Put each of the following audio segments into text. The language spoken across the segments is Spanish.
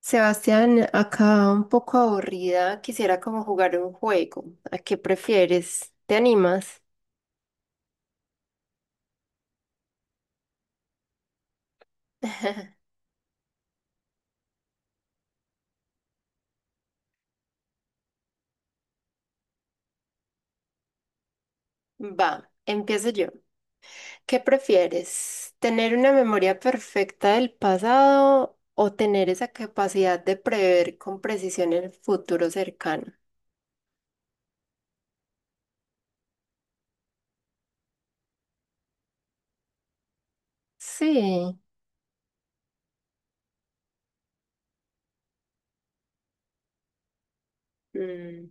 Sebastián, acá un poco aburrida, quisiera como jugar un juego. ¿A qué prefieres? ¿Te animas? Va, empiezo yo. ¿Qué prefieres? ¿Tener una memoria perfecta del pasado o tener esa capacidad de prever con precisión el futuro cercano? Sí. Mm.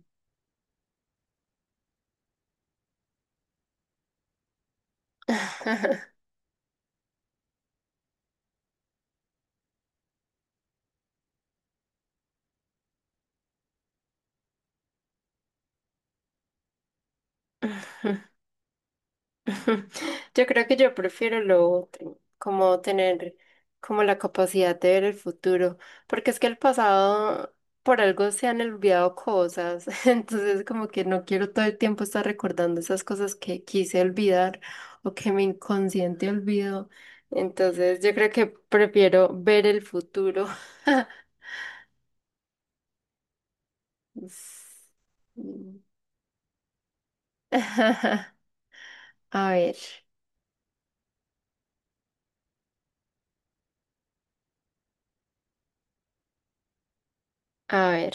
Yo creo que yo prefiero lo otro, como tener como la capacidad de ver el futuro, porque es que el pasado por algo se han olvidado cosas, entonces como que no quiero todo el tiempo estar recordando esas cosas que quise olvidar o que mi inconsciente olvidó, entonces yo creo que prefiero ver el futuro. A ver, a ver.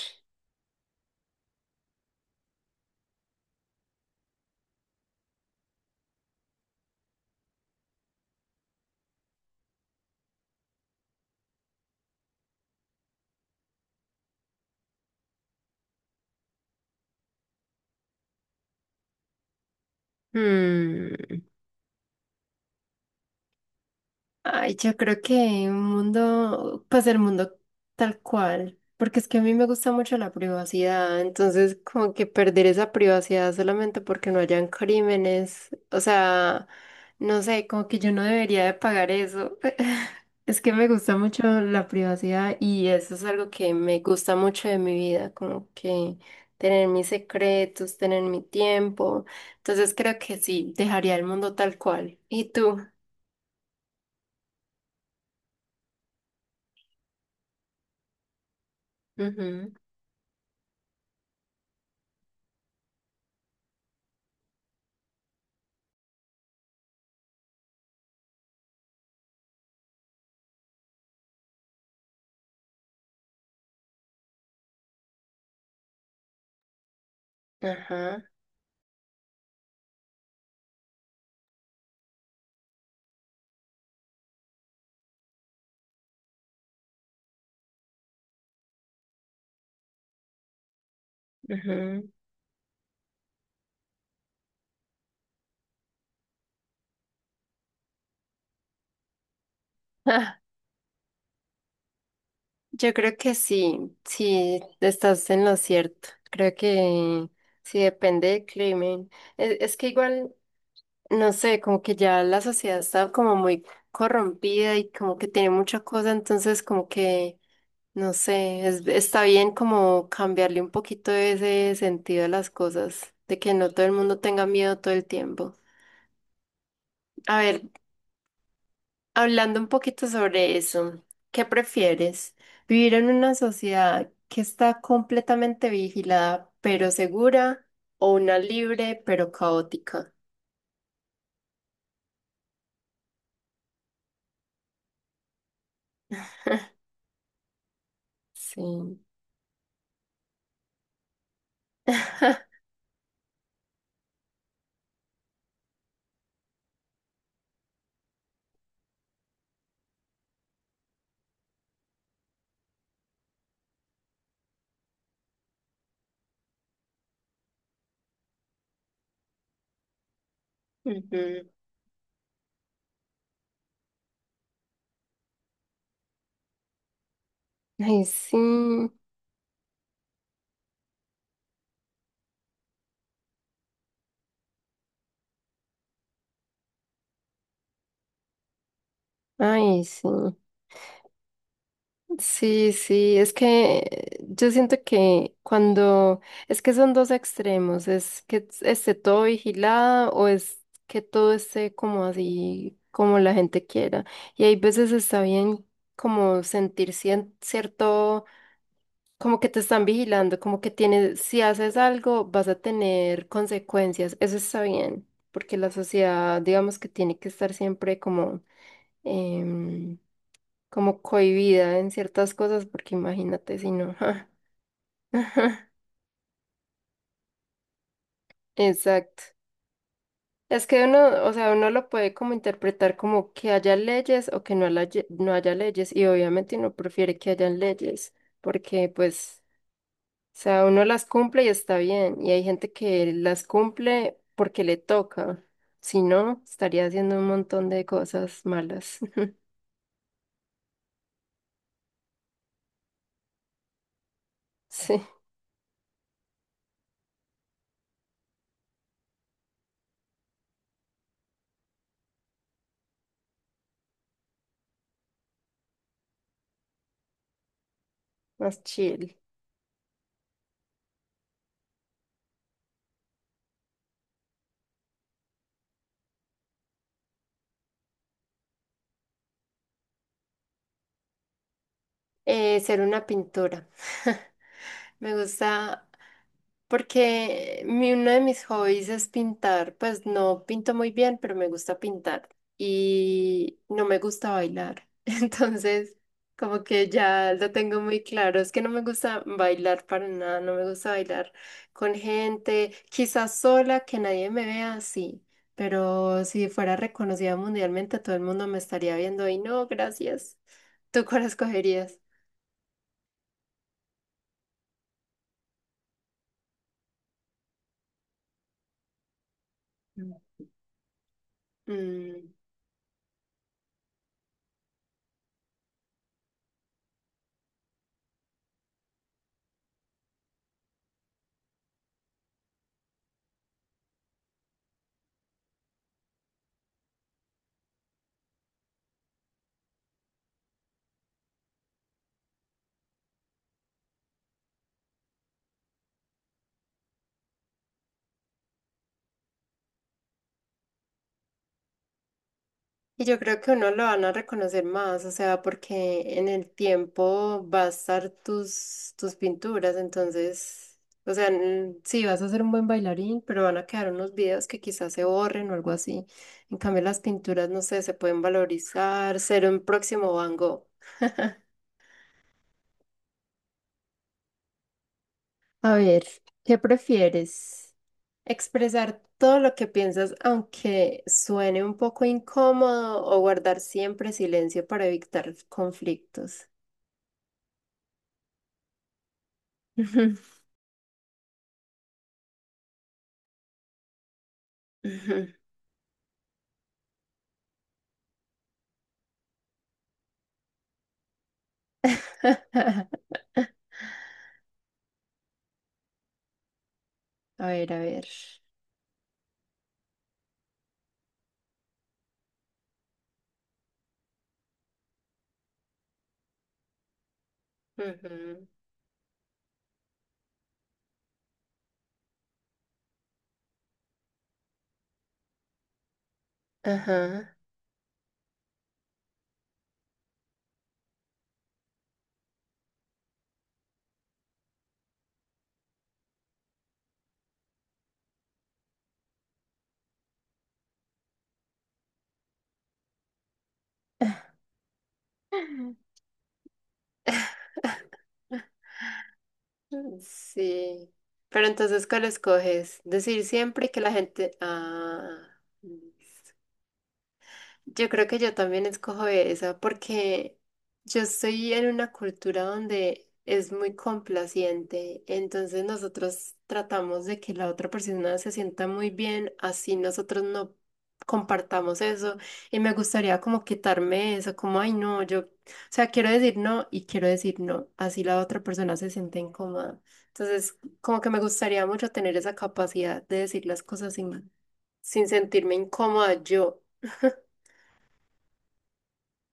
Hmm. Ay, yo creo que un mundo, pues el mundo tal cual, porque es que a mí me gusta mucho la privacidad, entonces como que perder esa privacidad solamente porque no hayan crímenes, o sea, no sé, como que yo no debería de pagar eso. Es que me gusta mucho la privacidad y eso es algo que me gusta mucho de mi vida, como que tener mis secretos, tener mi tiempo, entonces creo que sí, dejaría el mundo tal cual. ¿Y tú? Ujú. Ajá, ujú. Ah, yo creo que sí, sí, estás en lo cierto. Creo que sí depende del crimen. Es que igual, no sé, como que ya la sociedad está como muy corrompida y como que tiene mucha cosa, entonces como que, no sé, está bien como cambiarle un poquito ese sentido a las cosas, de que no todo el mundo tenga miedo todo el tiempo. A ver, hablando un poquito sobre eso, ¿qué prefieres? ¿Vivir en una sociedad que está completamente vigilada pero segura o una libre pero caótica? Sí. Ujú. Ay, sí. Ay, sí. Sí, sí, es que yo siento que cuando, es que son dos extremos, es que esté todo vigilado o es que todo esté como así, como la gente quiera. Y hay veces está bien como sentir cierto, como que te están vigilando, como que tienes, si haces algo vas a tener consecuencias, eso está bien, porque la sociedad digamos que tiene que estar siempre como... em, como cohibida en ciertas cosas, porque imagínate si no. Ja, ajá, exacto. Es que uno, o sea, uno lo puede como interpretar como que haya leyes o que no, no haya leyes, y obviamente uno prefiere que hayan leyes, porque pues, o sea, uno las cumple y está bien, y hay gente que las cumple porque le toca, si no, estaría haciendo un montón de cosas malas. Sí, más chill. Ser una pintura, me gusta porque mi, uno de mis hobbies es pintar. Pues no pinto muy bien, pero me gusta pintar. Y no me gusta bailar. Entonces, como que ya lo tengo muy claro. Es que no me gusta bailar para nada. No me gusta bailar con gente. Quizás sola, que nadie me vea así. Pero si fuera reconocida mundialmente, todo el mundo me estaría viendo y no, gracias. ¿Tú cuál escogerías? Mm. Y yo creo que uno lo van a reconocer más, o sea, porque en el tiempo va a estar tus pinturas, entonces, o sea, mm, sí, vas a ser un buen bailarín, pero van a quedar unos videos que quizás se borren o algo así. En cambio, las pinturas, no sé, se pueden valorizar, ser un próximo Van Gogh. A ver, ¿qué prefieres? ¿Expresar todo lo que piensas aunque suene un poco incómodo o guardar siempre silencio para evitar conflictos? Ujú, ujú. A ver, a ver. Ujú, ajá. Sí. Pero entonces, ¿cuál escoges? Decir siempre que la gente... Ah. Yo creo que yo también escojo esa porque yo estoy en una cultura donde es muy complaciente, entonces nosotros tratamos de que la otra persona se sienta muy bien, así nosotros no compartamos eso y me gustaría como quitarme eso, como, ay no, yo, o sea, quiero decir no y quiero decir no, así la otra persona se siente incómoda. Entonces, como que me gustaría mucho tener esa capacidad de decir las cosas sin, sin sentirme incómoda yo.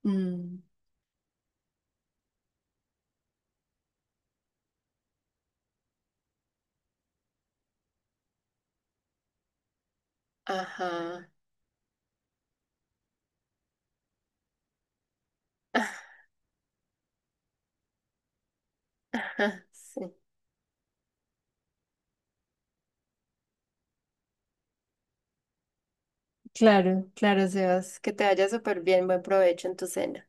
Mm, ajá, ajá, sí. Claro, claro, Sebas. Que te vaya súper bien, buen provecho en tu cena.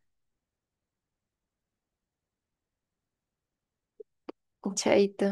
Chaito.